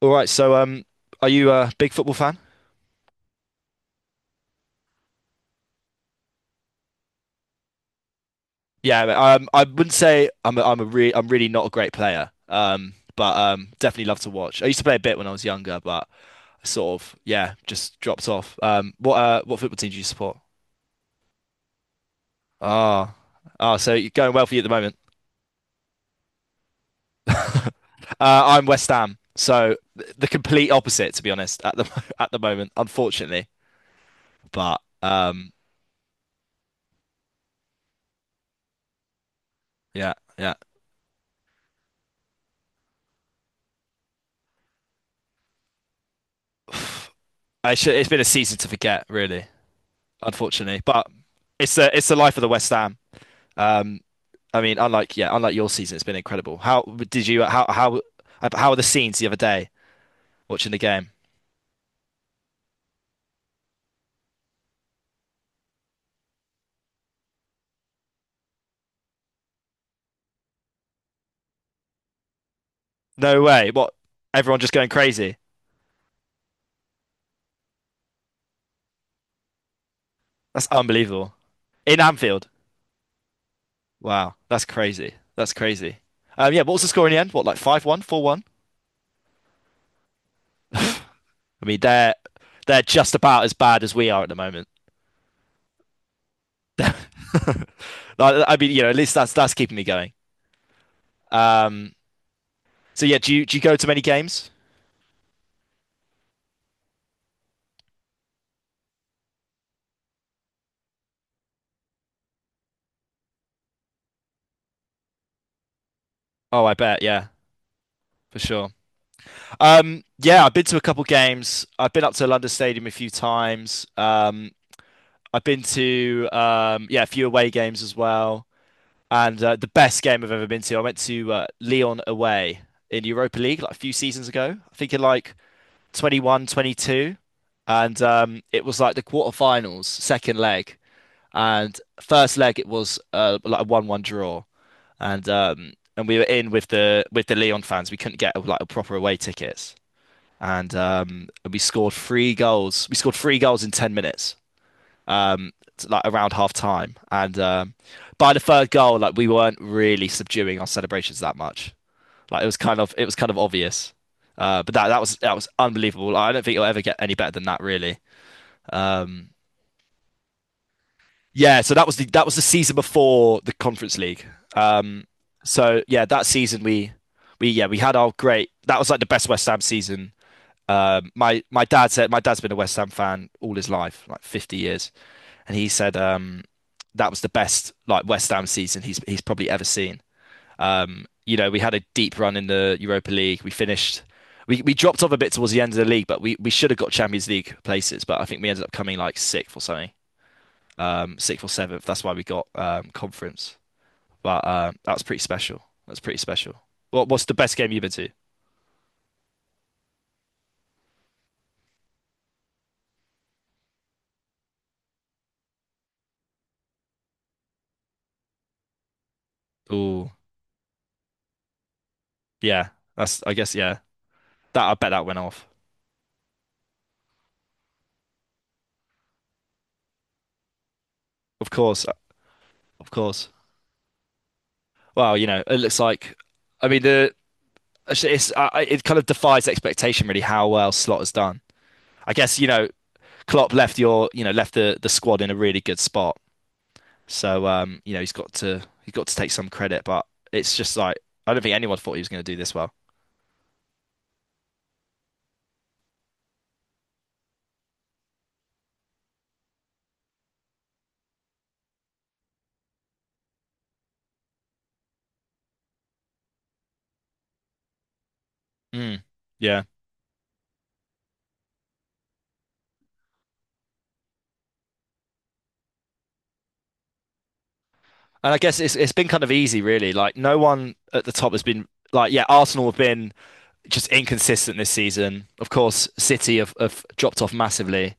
All right, are you a big football fan? Yeah, I wouldn't say I'm really not a great player. But definitely love to watch. I used to play a bit when I was younger, but I sort of yeah, just dropped off. What what football team do you support? Ah, ah, so you're going well for you at the moment. I'm West Ham, so the complete opposite, to be honest, at the at the moment, unfortunately. But um, yeah, yeah, it's been a season to forget, really, unfortunately. But it's the life of the West Ham. Um, Unlike your season, it's been incredible. How how were the scenes the other day watching the game? No way! What Everyone just going crazy? That's unbelievable. In Anfield. Wow, that's crazy. That's crazy. Yeah, what was the score in the end? What, like five one, four one? I mean, they're just about as bad as we are at the moment. Like, I mean, you know, at least that's keeping me going. Um, so yeah, do you go to many games? Oh, I bet, yeah, for sure. Yeah, I've been to a couple games. I've been up to London Stadium a few times. I've been to yeah, a few away games as well. And the best game I've ever been to, I went to Leon away in Europa League like a few seasons ago. I think in like 21, twenty two. And It was like the quarterfinals, second leg. And first leg, it was like a 1-1 draw. And we were in with the Leon fans. We couldn't get like a proper away tickets, and we scored three goals. We scored three goals in ten minutes, um, like around half time. And By the third goal, like we weren't really subduing our celebrations that much. Like it was kind of obvious. But that was unbelievable. Like, I don't think it'll ever get any better than that, really. Um, yeah. So that was the season before the Conference League. Um, so yeah, that season we had our great. That was like the best West Ham season. My dad said, my dad's been a West Ham fan all his life, like 50 years, and he said that was the best like West Ham season he's probably ever seen. You know, we had a deep run in the Europa League. We we dropped off a bit towards the end of the league, but we should have got Champions League places. But I think we ended up coming like sixth or something, sixth or seventh. That's why we got conference. But That was pretty special. That's pretty special. What's the best game you've been to? Oh, yeah. That's I guess yeah. That I bet that went off. Of course, of course. Well, you know, it looks like, I mean, the it's- I- it kind of defies expectation, really, how well Slot has done. I guess, you know, Klopp left your, you know, left the squad in a really good spot. So, you know, he's got to take some credit, but it's just like I don't think anyone thought he was going to do this well. Mm, yeah, and I guess it's been kind of easy, really. Like no one at the top has been like, yeah, Arsenal have been just inconsistent this season. Of course, City have dropped off massively.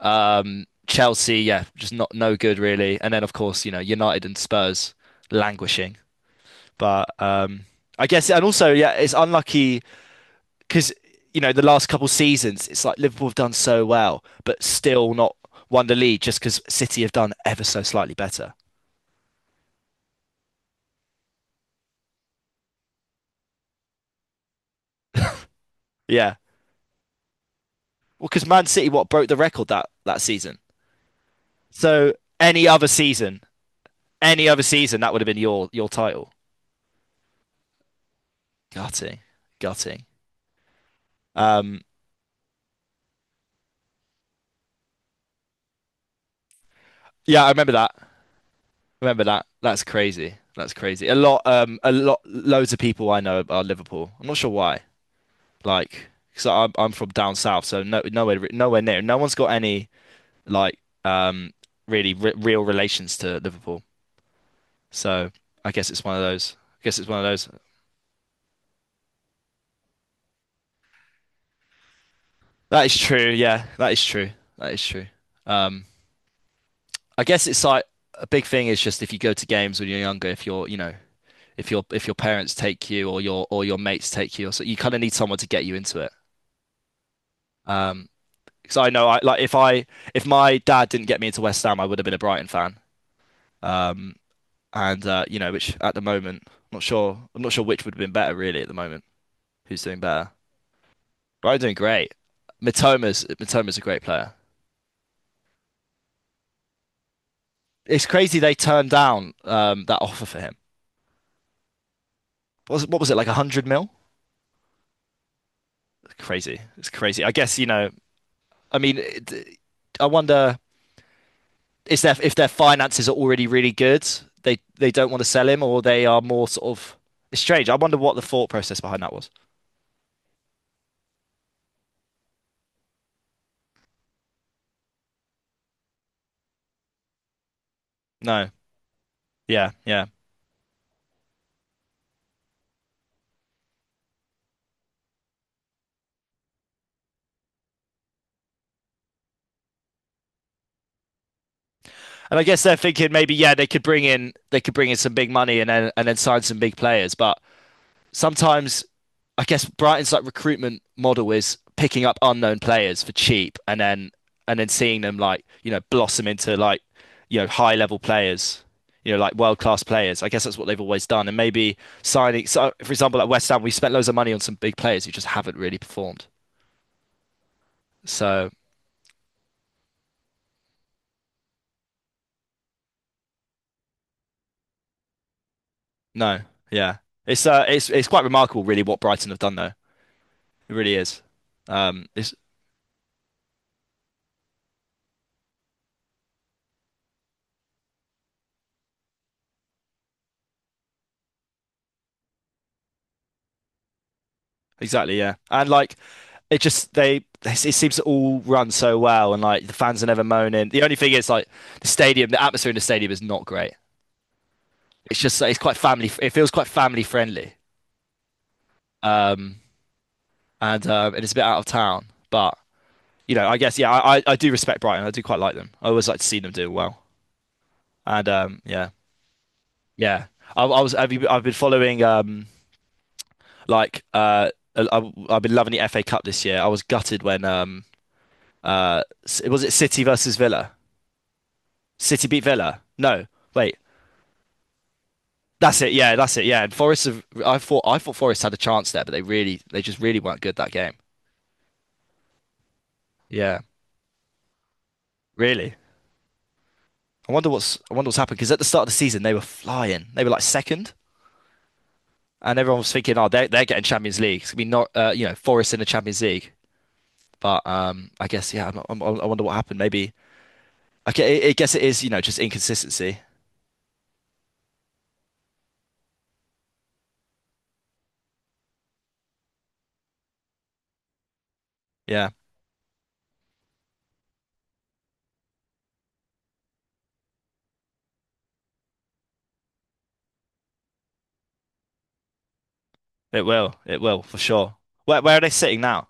Chelsea, yeah, just not no good really. And then of course, you know, United and Spurs languishing. But I guess, and also, yeah, it's unlucky because you know the last couple seasons, it's like Liverpool have done so well, but still not won the league just because City have done ever so slightly better. Yeah, well, because Man City what broke the record that season. So any other season, any other season, that would have been your title. Gutting, gutting. Um, yeah, I remember that. Remember that? That's crazy. That's crazy. A lot, loads of people I know are Liverpool. I'm not sure why. Like, because I'm from down south, so no, nowhere, nowhere near. No one's got any like, um, real relations to Liverpool. So I guess it's one of those. I guess it's one of those. That is true. Yeah, that is true. That is true. Um, I guess it's like a big thing is just if you go to games when you're younger, if you're, you know, if your parents take you or your mates take you, or so you kind of need someone to get you into it. Um, because I know I like if my dad didn't get me into West Ham, I would have been a Brighton fan. Um, and You know, which at the moment, I'm not sure. I'm not sure which would have been better really at the moment. Who's doing better? Brighton doing great. Mitoma's a great player. It's crazy they turned down that offer for him. What was it like 100 mil? Crazy. It's crazy. I guess you know. I mean, it, I wonder is their if their finances are already really good, they don't want to sell him, or they are more sort of. It's strange. I wonder what the thought process behind that was. No, yeah, yeah. And I guess they're thinking maybe yeah they could bring in some big money and then sign some big players, but sometimes I guess Brighton's like recruitment model is picking up unknown players for cheap and then seeing them like, you know, blossom into like, you know, high level players, you know, like world class players. I guess that's what they've always done. And maybe signing so for example at West Ham we spent loads of money on some big players who just haven't really performed. So no, yeah. It's it's quite remarkable really what Brighton have done though. It really is. It's Exactly, yeah. And like it just they it seems to all run so well and like the fans are never moaning. The only thing is like the stadium, the atmosphere in the stadium is not great. It's just it's quite family. It feels quite family friendly, um, and it's a bit out of town. But you know, I guess yeah, do respect Brighton. I do quite like them. I always like to see them do well. And Yeah, yeah. I've been following like uh, I've been loving the FA Cup this year. I was gutted when uh, was it City versus Villa. City beat Villa. No, wait. That's it. Yeah, that's it. Yeah, and Forest. Have, I thought Forest had a chance there, but they really, they just really weren't good that game. Yeah, really. I wonder what's happened because at the start of the season they were flying. They were like second, and everyone was thinking, oh, they're getting Champions League. It's gonna be not, you know, Forest in the Champions League. But I guess yeah. I wonder what happened. Maybe. Okay, I guess it is. You know, just inconsistency. Yeah, it will. It will for sure. Where are they sitting now?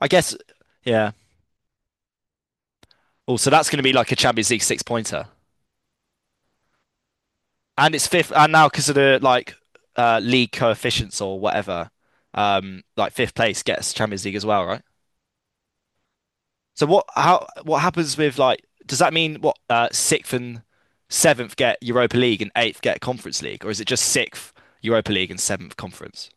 I guess. Yeah. Oh, so that's going to be like a Champions League six pointer. And it's fifth, and now because of the like league coefficients or whatever, like fifth place gets Champions League as well, right? So what happens with like does that mean what sixth and seventh get Europa League and eighth get Conference League, or is it just sixth Europa League and seventh Conference?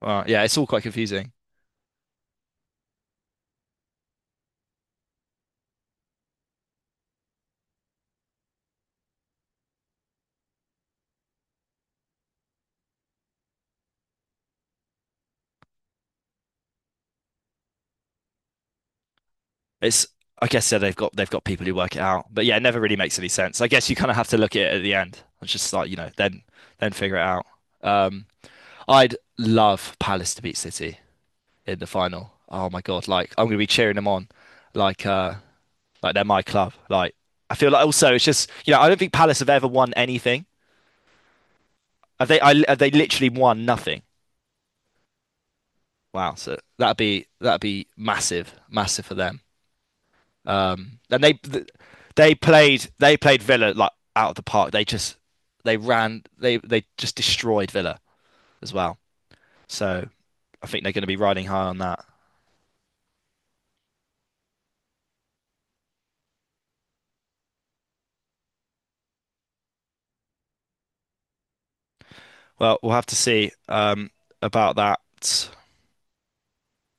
Yeah, it's all quite confusing. It's I guess yeah, they've got people who work it out, but yeah, it never really makes any sense. I guess you kind of have to look at it at the end. It's just like you know then figure it out. Um, I'd love Palace to beat City in the final. Oh my God, like I'm gonna be cheering them on, like uh, like they're my club. Like I feel like also it's just you know I don't think Palace have ever won anything. Have they? Have they literally won nothing? Wow, so that'd be massive, massive for them. And They played they played Villa like out of the park. They just they ran they just destroyed Villa as well. So I think they're going to be riding high on that. Well, we'll have to see about that